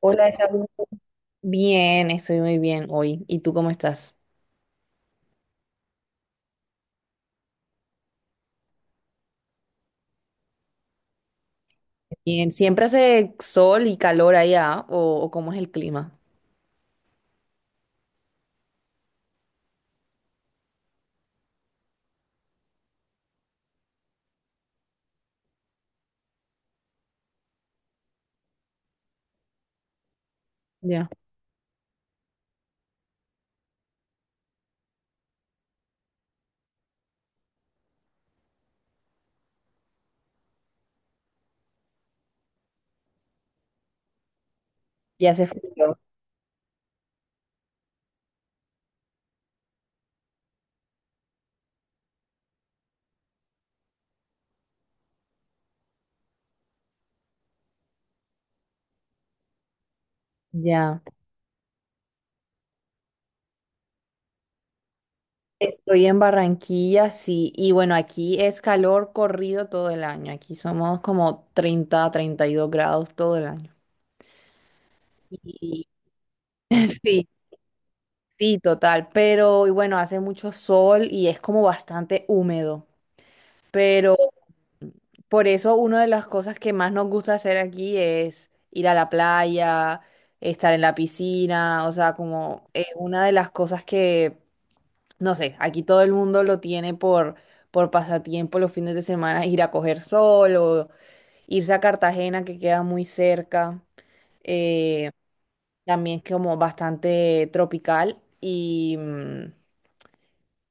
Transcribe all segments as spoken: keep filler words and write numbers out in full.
Hola, Isabel. Bien, estoy muy bien hoy. ¿Y tú cómo estás? Bien, ¿siempre hace sol y calor allá o, o cómo es el clima? Ya. Ya hace frío. Ya. Estoy en Barranquilla, sí. Y bueno, aquí es calor corrido todo el año. Aquí somos como treinta, treinta y dos grados todo el año. Y, sí, sí, total. Pero y bueno, hace mucho sol y es como bastante húmedo. Pero por eso una de las cosas que más nos gusta hacer aquí es ir a la playa, estar en la piscina, o sea, como es una de las cosas que, no sé, aquí todo el mundo lo tiene por, por pasatiempo los fines de semana, ir a coger sol o irse a Cartagena que queda muy cerca, eh, también es como bastante tropical y... mm,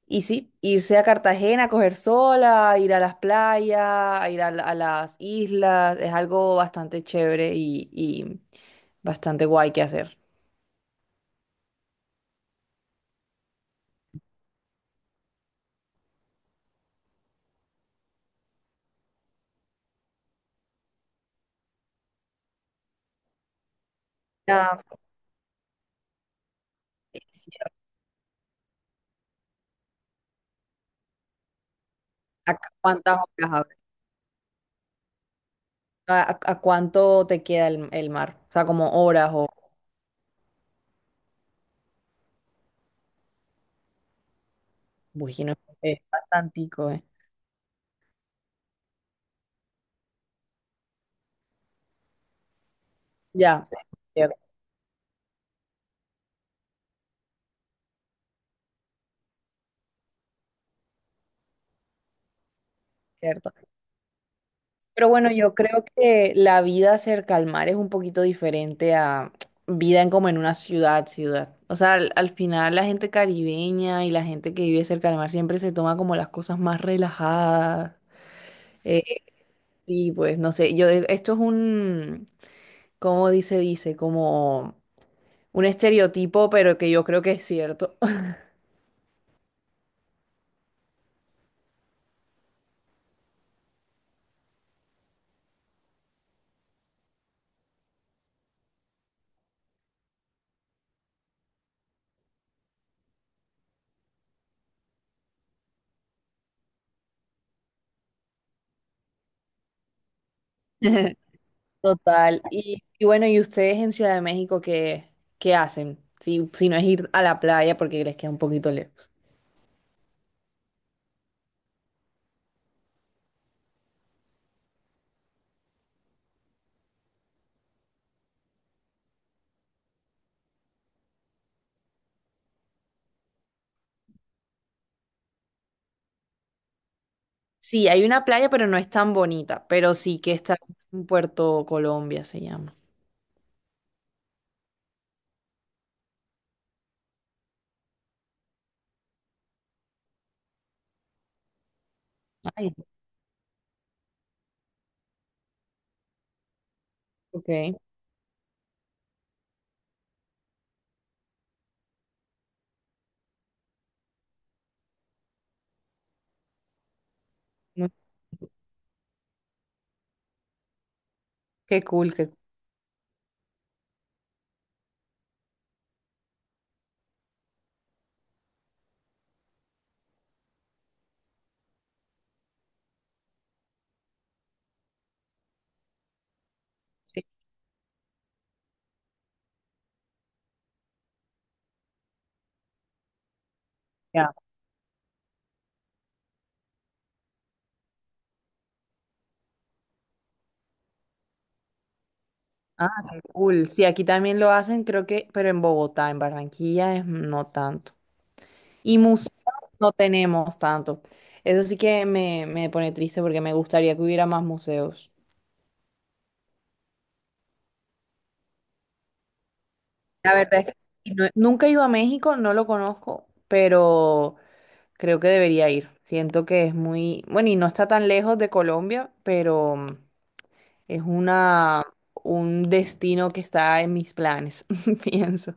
y sí, irse a Cartagena, a coger sola, ir a las playas, a ir a, la- a las islas, es algo bastante chévere y, y bastante guay que hacer. Ah, ¿a cu- cuántas horas hablas? ¿A, a- a cuánto te queda el, el mar? O sea, como horas o... Uy, no, es bastantico, ¿eh? Ya, es cierto. Pero bueno, yo creo que la vida cerca al mar es un poquito diferente a vida en como en una ciudad, ciudad. O sea, al, al final la gente caribeña y la gente que vive cerca al mar siempre se toma como las cosas más relajadas. Eh, y pues no sé, yo eh, esto es un, ¿cómo dice? Dice, como un estereotipo, pero que yo creo que es cierto. Total. Y, y bueno, ¿y ustedes en Ciudad de México qué, qué hacen? Si, si no es ir a la playa porque les queda un poquito lejos. Sí, hay una playa, pero no es tan bonita, pero sí que está en Puerto Colombia, se llama. Ay, ok. Muy- Qué cool, qué cool. Sí, ya. Ah, qué cool. Sí, aquí también lo hacen, creo que, pero en Bogotá, en Barranquilla es no tanto. Y museos no tenemos tanto. Eso sí que me, me pone triste porque me gustaría que hubiera más museos. La verdad es que sí, no- nunca he ido a México, no lo conozco, pero creo que debería ir. Siento que es muy, bueno, y no está tan lejos de Colombia, pero mm, es una, un destino que está en mis planes, pienso.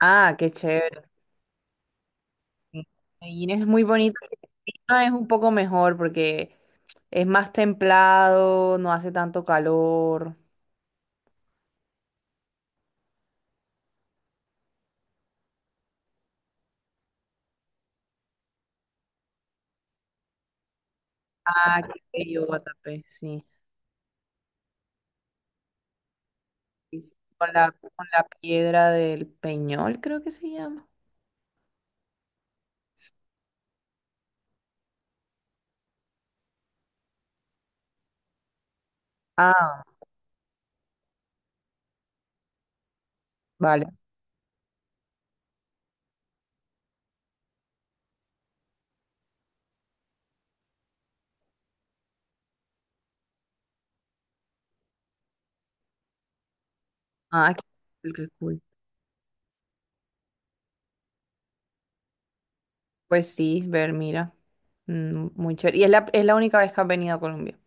Ah, qué chévere. Sí. Medellín es muy bonito. Lima es un poco mejor porque es más templado, no hace tanto calor. Ah, qué bello, Guatapé, sí. Y sí, con la, con la piedra del Peñol, creo que se llama. Ah, vale. Ah, qué cool. Qué cool. Pues sí, ver, mira. Mm, muy chévere. Y es la, es la única vez que has venido a Colombia.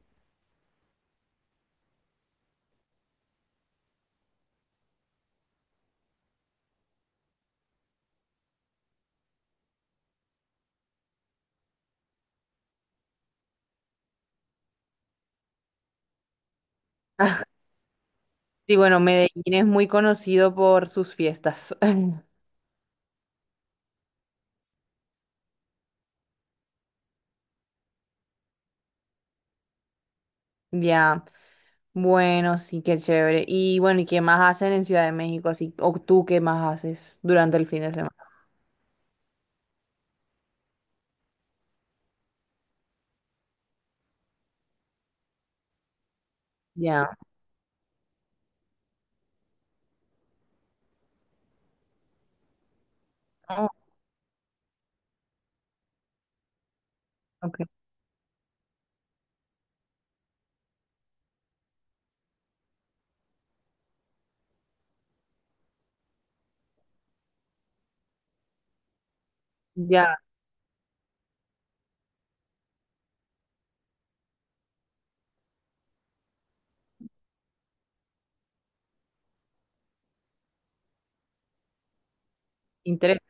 Sí, bueno, Medellín es muy conocido por sus fiestas. Ya, bueno, sí, qué chévere. Y bueno, ¿y qué más hacen en Ciudad de México? Así, o tú qué más haces durante el fin de semana. Ya, oh, ok. Ya, interesante.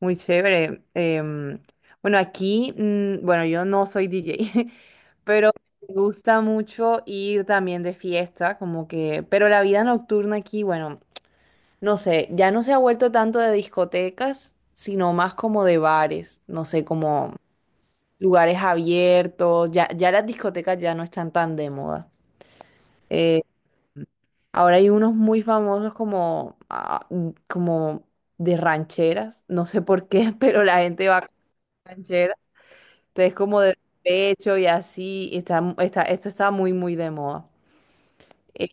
Muy chévere. Em, bueno, aquí, mm, bueno, yo no soy D J, pero me gusta mucho ir también de fiesta, como que, pero la vida nocturna aquí, bueno, no sé, ya no se ha vuelto tanto de discotecas, sino más como de bares, no sé, como lugares abiertos, ya, ya las discotecas ya no están tan de moda. Eh, ahora hay unos muy famosos como, ah, como de rancheras, no sé por qué, pero la gente va... rancheras. Entonces, como de pecho y así, y está, está- esto está muy, muy de moda. Eh,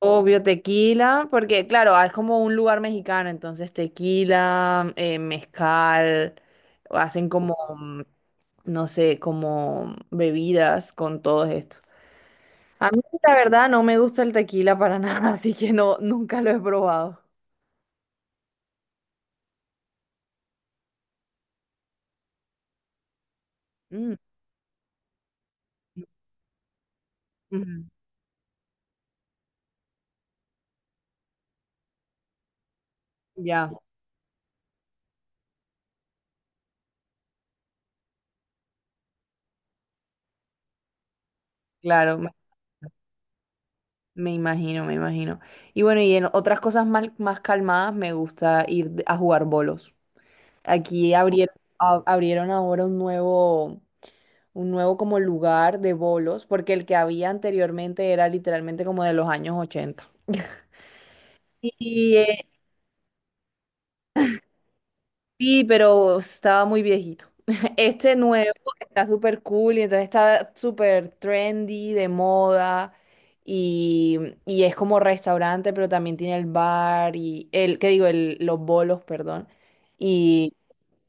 Obvio, tequila, porque claro, ah, es como un lugar mexicano, entonces tequila, eh, mezcal, hacen como, mm, no sé, como bebidas con todo esto. A mí, la verdad, no me gusta el tequila para nada, así que no, nunca lo he probado. Mm, ujú, ya, claro. Me imagino, me imagino. Y bueno, y en otras cosas más más calmadas me gusta ir de- a jugar bolos. Aquí abrieron, a- abrieron ahora un nuevo, un nuevo como lugar de bolos, porque el que había anteriormente era literalmente como de los años ochenta. Y sí, pero estaba muy viejito. Este nuevo está súper cool y entonces está súper trendy, de moda y, y es como restaurante, pero también tiene el bar y el, ¿qué digo? El, los bolos, perdón. Y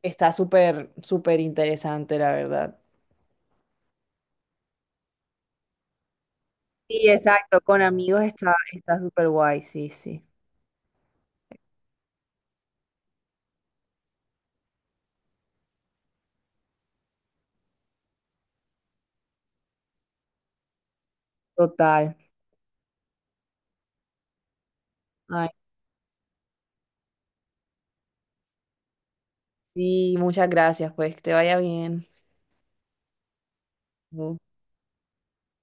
está súper, súper interesante, la verdad. Sí, exacto, con amigos está, está súper guay, sí, sí. Total. Ay, sí, muchas gracias, pues, que te vaya bien.